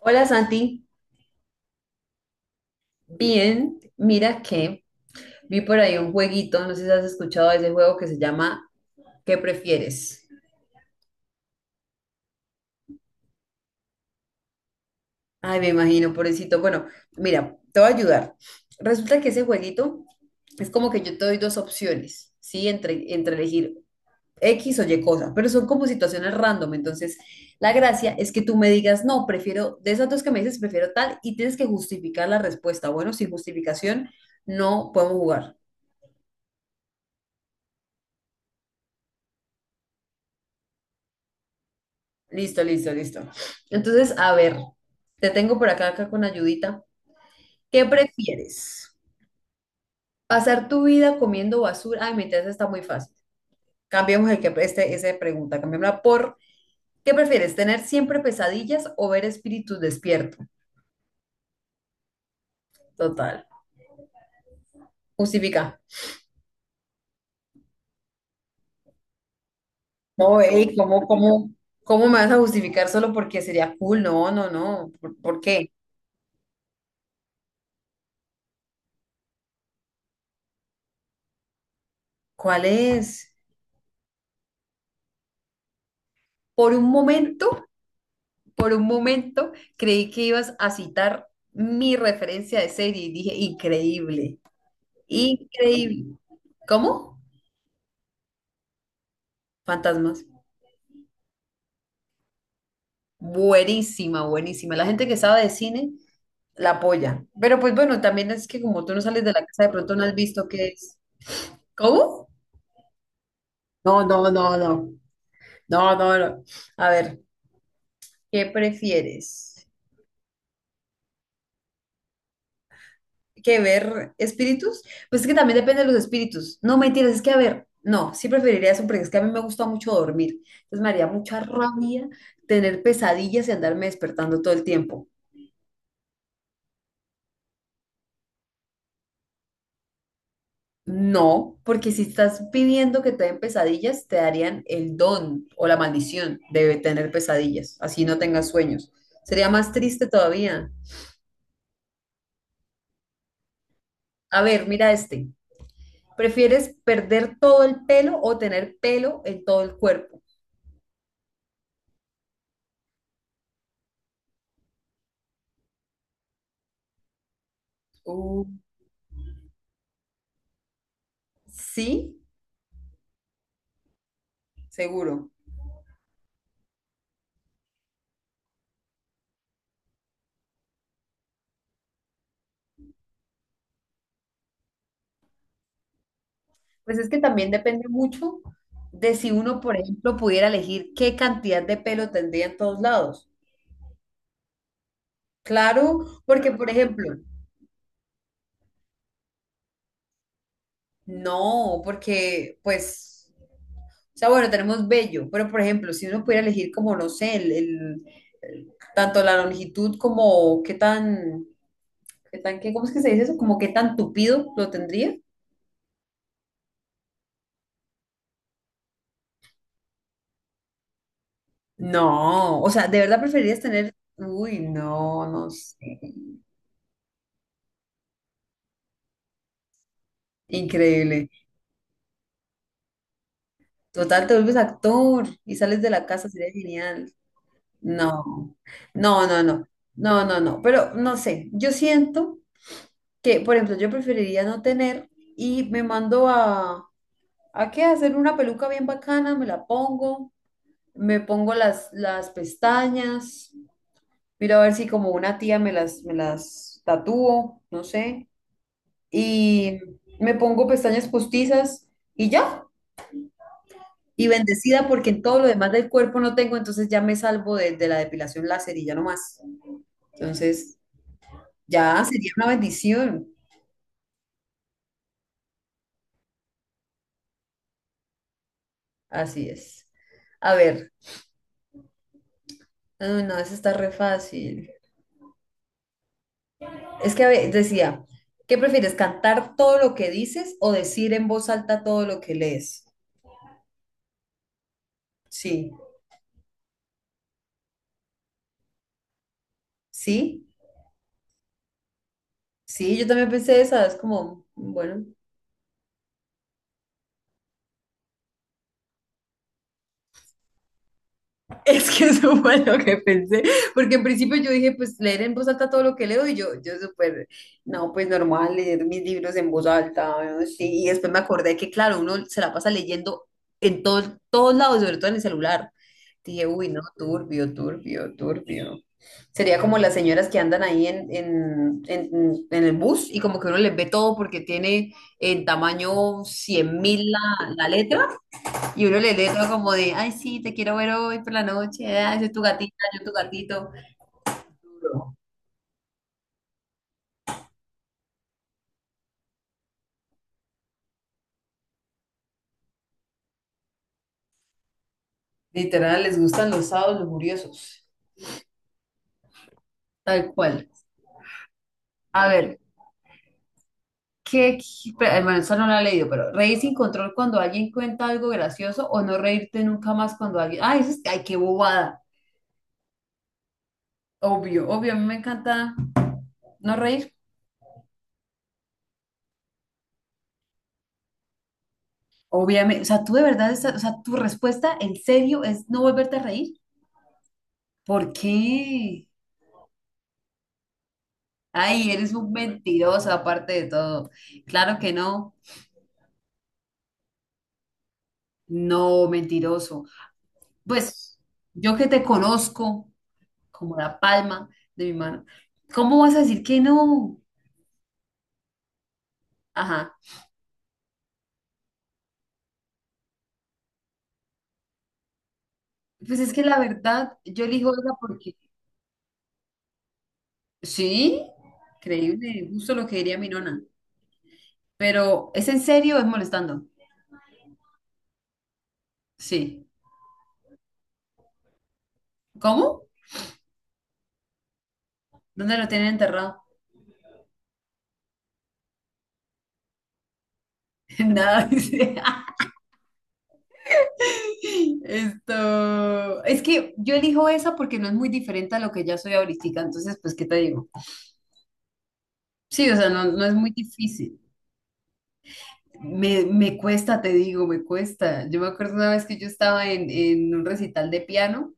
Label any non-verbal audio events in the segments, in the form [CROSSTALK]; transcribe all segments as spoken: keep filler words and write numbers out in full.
Hola Santi, bien, mira que vi por ahí un jueguito, no sé si has escuchado de ese juego que se llama ¿Qué prefieres? Ay, me imagino, pobrecito. Bueno, mira, te voy a ayudar. Resulta que ese jueguito es como que yo te doy dos opciones, ¿sí? Entre, entre elegir X o Y cosa, pero son como situaciones random. Entonces, la gracia es que tú me digas, no, prefiero, de esas dos que me dices, prefiero tal, y tienes que justificar la respuesta. Bueno, sin justificación no podemos jugar. Listo, listo, listo. Entonces, a ver, te tengo por acá, acá con ayudita. ¿Qué prefieres? ¿Pasar tu vida comiendo basura? Ay, mi test está muy fácil. Cambiemos el que este, esa pregunta, cambiémosla por ¿qué prefieres? ¿Tener siempre pesadillas o ver espíritus despierto? Total. Justifica. No, ey, ¿cómo, cómo, cómo me vas a justificar solo porque sería cool? No, no, no. ¿Por, por qué? ¿Cuál es? Por un momento. Por un momento creí que ibas a citar mi referencia de serie y dije, increíble, increíble. ¿Cómo? Fantasmas. Buenísima, buenísima. La gente que sabe de cine la apoya. Pero pues bueno, también es que como tú no sales de la casa, de pronto no has visto qué es. ¿Cómo? No, no, no, no. No, no, no. A ver, ¿qué prefieres? Que ver espíritus, pues es que también depende de los espíritus. No, mentiras, es que a ver, no, sí preferiría eso porque es que a mí me gusta mucho dormir. Entonces me haría mucha rabia tener pesadillas y andarme despertando todo el tiempo. No, porque si estás pidiendo que te den pesadillas, te darían el don o la maldición de tener pesadillas, así no tengas sueños. Sería más triste todavía. A ver, mira este. ¿Prefieres perder todo el pelo o tener pelo en todo el cuerpo? Uh, sí, seguro. Pues es que también depende mucho de si uno, por ejemplo, pudiera elegir qué cantidad de pelo tendría en todos lados. Claro, porque, por ejemplo, no, porque, pues, o sea, bueno, tenemos vello, pero, por ejemplo, si uno pudiera elegir como, no sé, el, el- el- tanto la longitud como qué tan, qué tan, qué, ¿cómo es que se dice eso? Como qué tan tupido lo tendría. No, o sea, ¿de verdad preferirías tener, uy, no, no sé, increíble. Total, te vuelves actor y sales de la casa, sería genial. No, no, no, no, no, no, no. Pero no sé, yo siento que, por ejemplo, yo preferiría no tener y me mando a, ¿a qué? A hacer una peluca bien bacana, me la pongo, me pongo las, las pestañas, miro a ver si como una tía me las, me las tatúo, no sé, y me pongo pestañas postizas y ya. Y bendecida porque en todo lo demás del cuerpo no tengo, entonces ya me salvo de, de la depilación láser y ya no más. Entonces, ya sería una bendición. Así es. A ver, ah, no, eso está re fácil. Es que a ver, decía, ¿qué prefieres, cantar todo lo que dices o decir en voz alta todo lo que lees? Sí, sí, sí, yo también pensé esa, es como, bueno, [LAUGHS] es que eso fue lo que pensé, porque en principio yo dije, pues leer en voz alta todo lo que leo y yo, yo súper, no, pues normal leer mis libros en voz alta, ¿no? Sí, y después me acordé que claro, uno se la pasa leyendo en todo, todos lados, sobre todo en el celular. Dije, uy, no, turbio, turbio, turbio. Sería como las señoras que andan ahí en, en, en, en el bus y como que uno les ve todo porque tiene en tamaño cien mil la, la letra y uno le lee todo como de, ay, sí, te quiero ver hoy por la noche, ay, yo tu gatita, yo tu gatito. Literal, les gustan los sábados los curiosos. Tal cual. A ver, ¿qué, qué- pero, eh, bueno, eso no lo he leído, pero reír sin control cuando alguien cuenta algo gracioso o no reírte nunca más cuando alguien, ay, eso es, ay, qué bobada. Obvio, obvio, a mí me encanta no reír. Obviamente, o sea, tú de verdad, esa- o sea, tu respuesta en serio es no volverte a reír. ¿Por qué? Ay, eres un mentiroso aparte de todo. Claro que no. No, mentiroso. Pues yo que te conozco como la palma de mi mano, ¿cómo vas a decir que no? Ajá. Pues es que la verdad, yo elijo esa porque sí, creíble, justo lo que diría mi nona. Pero ¿es en serio o es molestando? Sí. ¿Cómo? ¿Dónde lo tienen enterrado? [LAUGHS] Nada, dice. [LAUGHS] Esto, es que yo elijo esa porque no es muy diferente a lo que ya soy ahorita, entonces, pues, ¿qué te digo? Sí, o sea, no, no es muy difícil. Me, me cuesta, te digo, me cuesta. Yo me acuerdo una vez que yo estaba en, en un recital de piano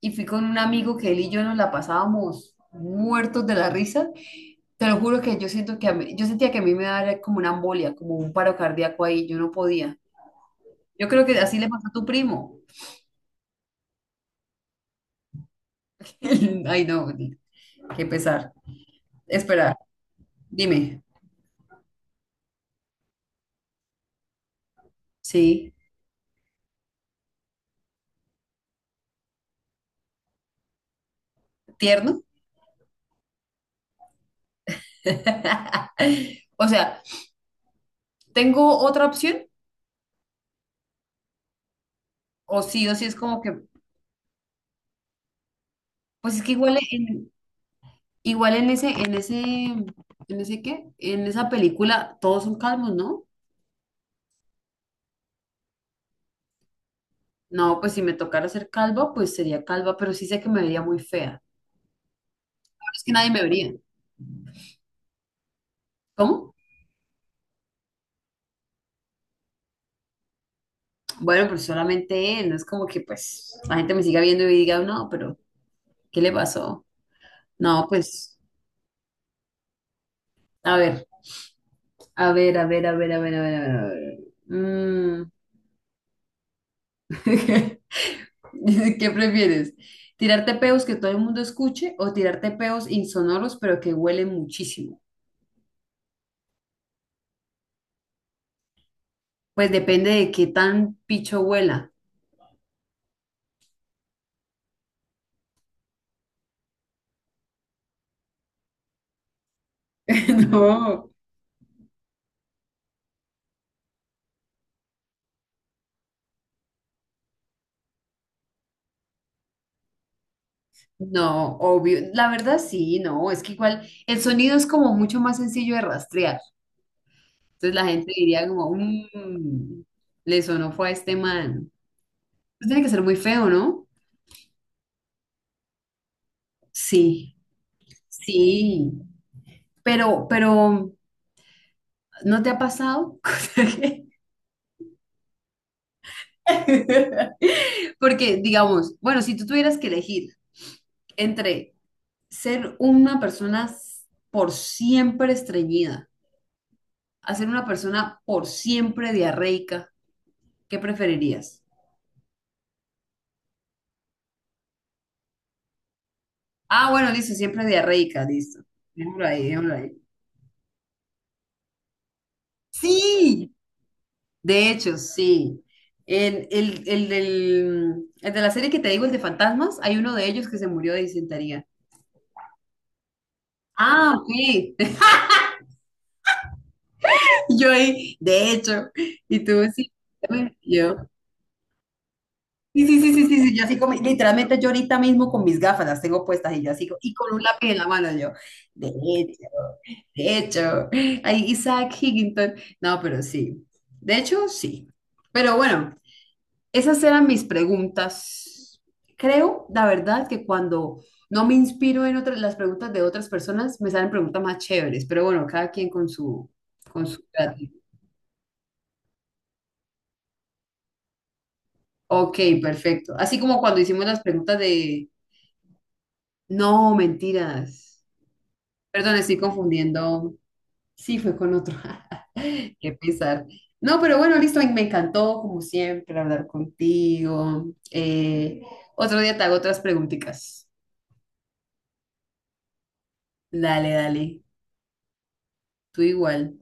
y fui con un amigo que él y yo nos la pasábamos muertos de la risa. Te lo juro que yo siento que a mí- yo sentía que a mí me daba como una embolia, como un paro cardíaco ahí, yo no podía. Yo creo que así le pasó a tu primo. [LAUGHS] Ay, no, qué pesar. Espera, dime. Sí, tierno. [LAUGHS] O sea, ¿tengo otra opción? O sí, o sí es como que, pues es que igual en, Igual en ese, en ese, ¿en ese qué? En esa película todos son calvos, ¿no? No, pues si me tocara ser calva, pues sería calva, pero sí sé que me vería muy fea. Pero es que nadie me vería. ¿Cómo? Bueno, pues solamente él, no es como que pues la gente me siga viendo y diga, no, pero ¿qué le pasó? No, pues, a ver, a ver, a ver, a ver, a ver, a ver, a ver, a ver. Mm. [LAUGHS] ¿Qué prefieres? ¿Tirarte peos que todo el mundo escuche o tirarte peos insonoros pero que huelen muchísimo? Pues depende de qué tan picho huela. [LAUGHS] No. No, obvio. La verdad sí, no. Es que igual el sonido es como mucho más sencillo de rastrear. Entonces la gente diría como, "Mm, le sonó fue a este man." Pues tiene que ser muy feo, ¿no? Sí, sí. Pero, pero, ¿no te ha pasado? [LAUGHS] Porque, digamos, bueno, si tú tuvieras que elegir entre ser una persona por siempre estreñida, a ser una persona por siempre diarreica, ¿qué preferirías? Ah, bueno, dice siempre diarreica, listo. Déjalo ahí, déjalo ahí. Sí, de hecho, sí. El, el, el del- el de la serie que te digo, el de fantasmas, hay uno de ellos que se murió de disentería. Ah, ok. [LAUGHS] Yo ahí, de hecho, y tú sí. También, y yo. Sí, sí, sí, sí, sí, sí, yo así como, literalmente yo ahorita mismo con mis gafas las tengo puestas y yo así, co- y con un lápiz en la mano yo, de hecho. De hecho, ahí Isaac Higginton. No, pero sí. De hecho, sí. Pero bueno, esas eran mis preguntas. Creo, la verdad, que cuando no me inspiro en otras, las preguntas de otras personas, me salen preguntas más chéveres. Pero bueno, cada quien con su, con su gratis. Ok, perfecto. Así como cuando hicimos las preguntas de... No, mentiras. Perdón, estoy confundiendo. Sí, fue con otro. [LAUGHS] Qué pesar. No, pero bueno, listo, me encantó, como siempre, hablar contigo. Eh, otro día te hago otras preguntitas. Dale, dale, tú igual.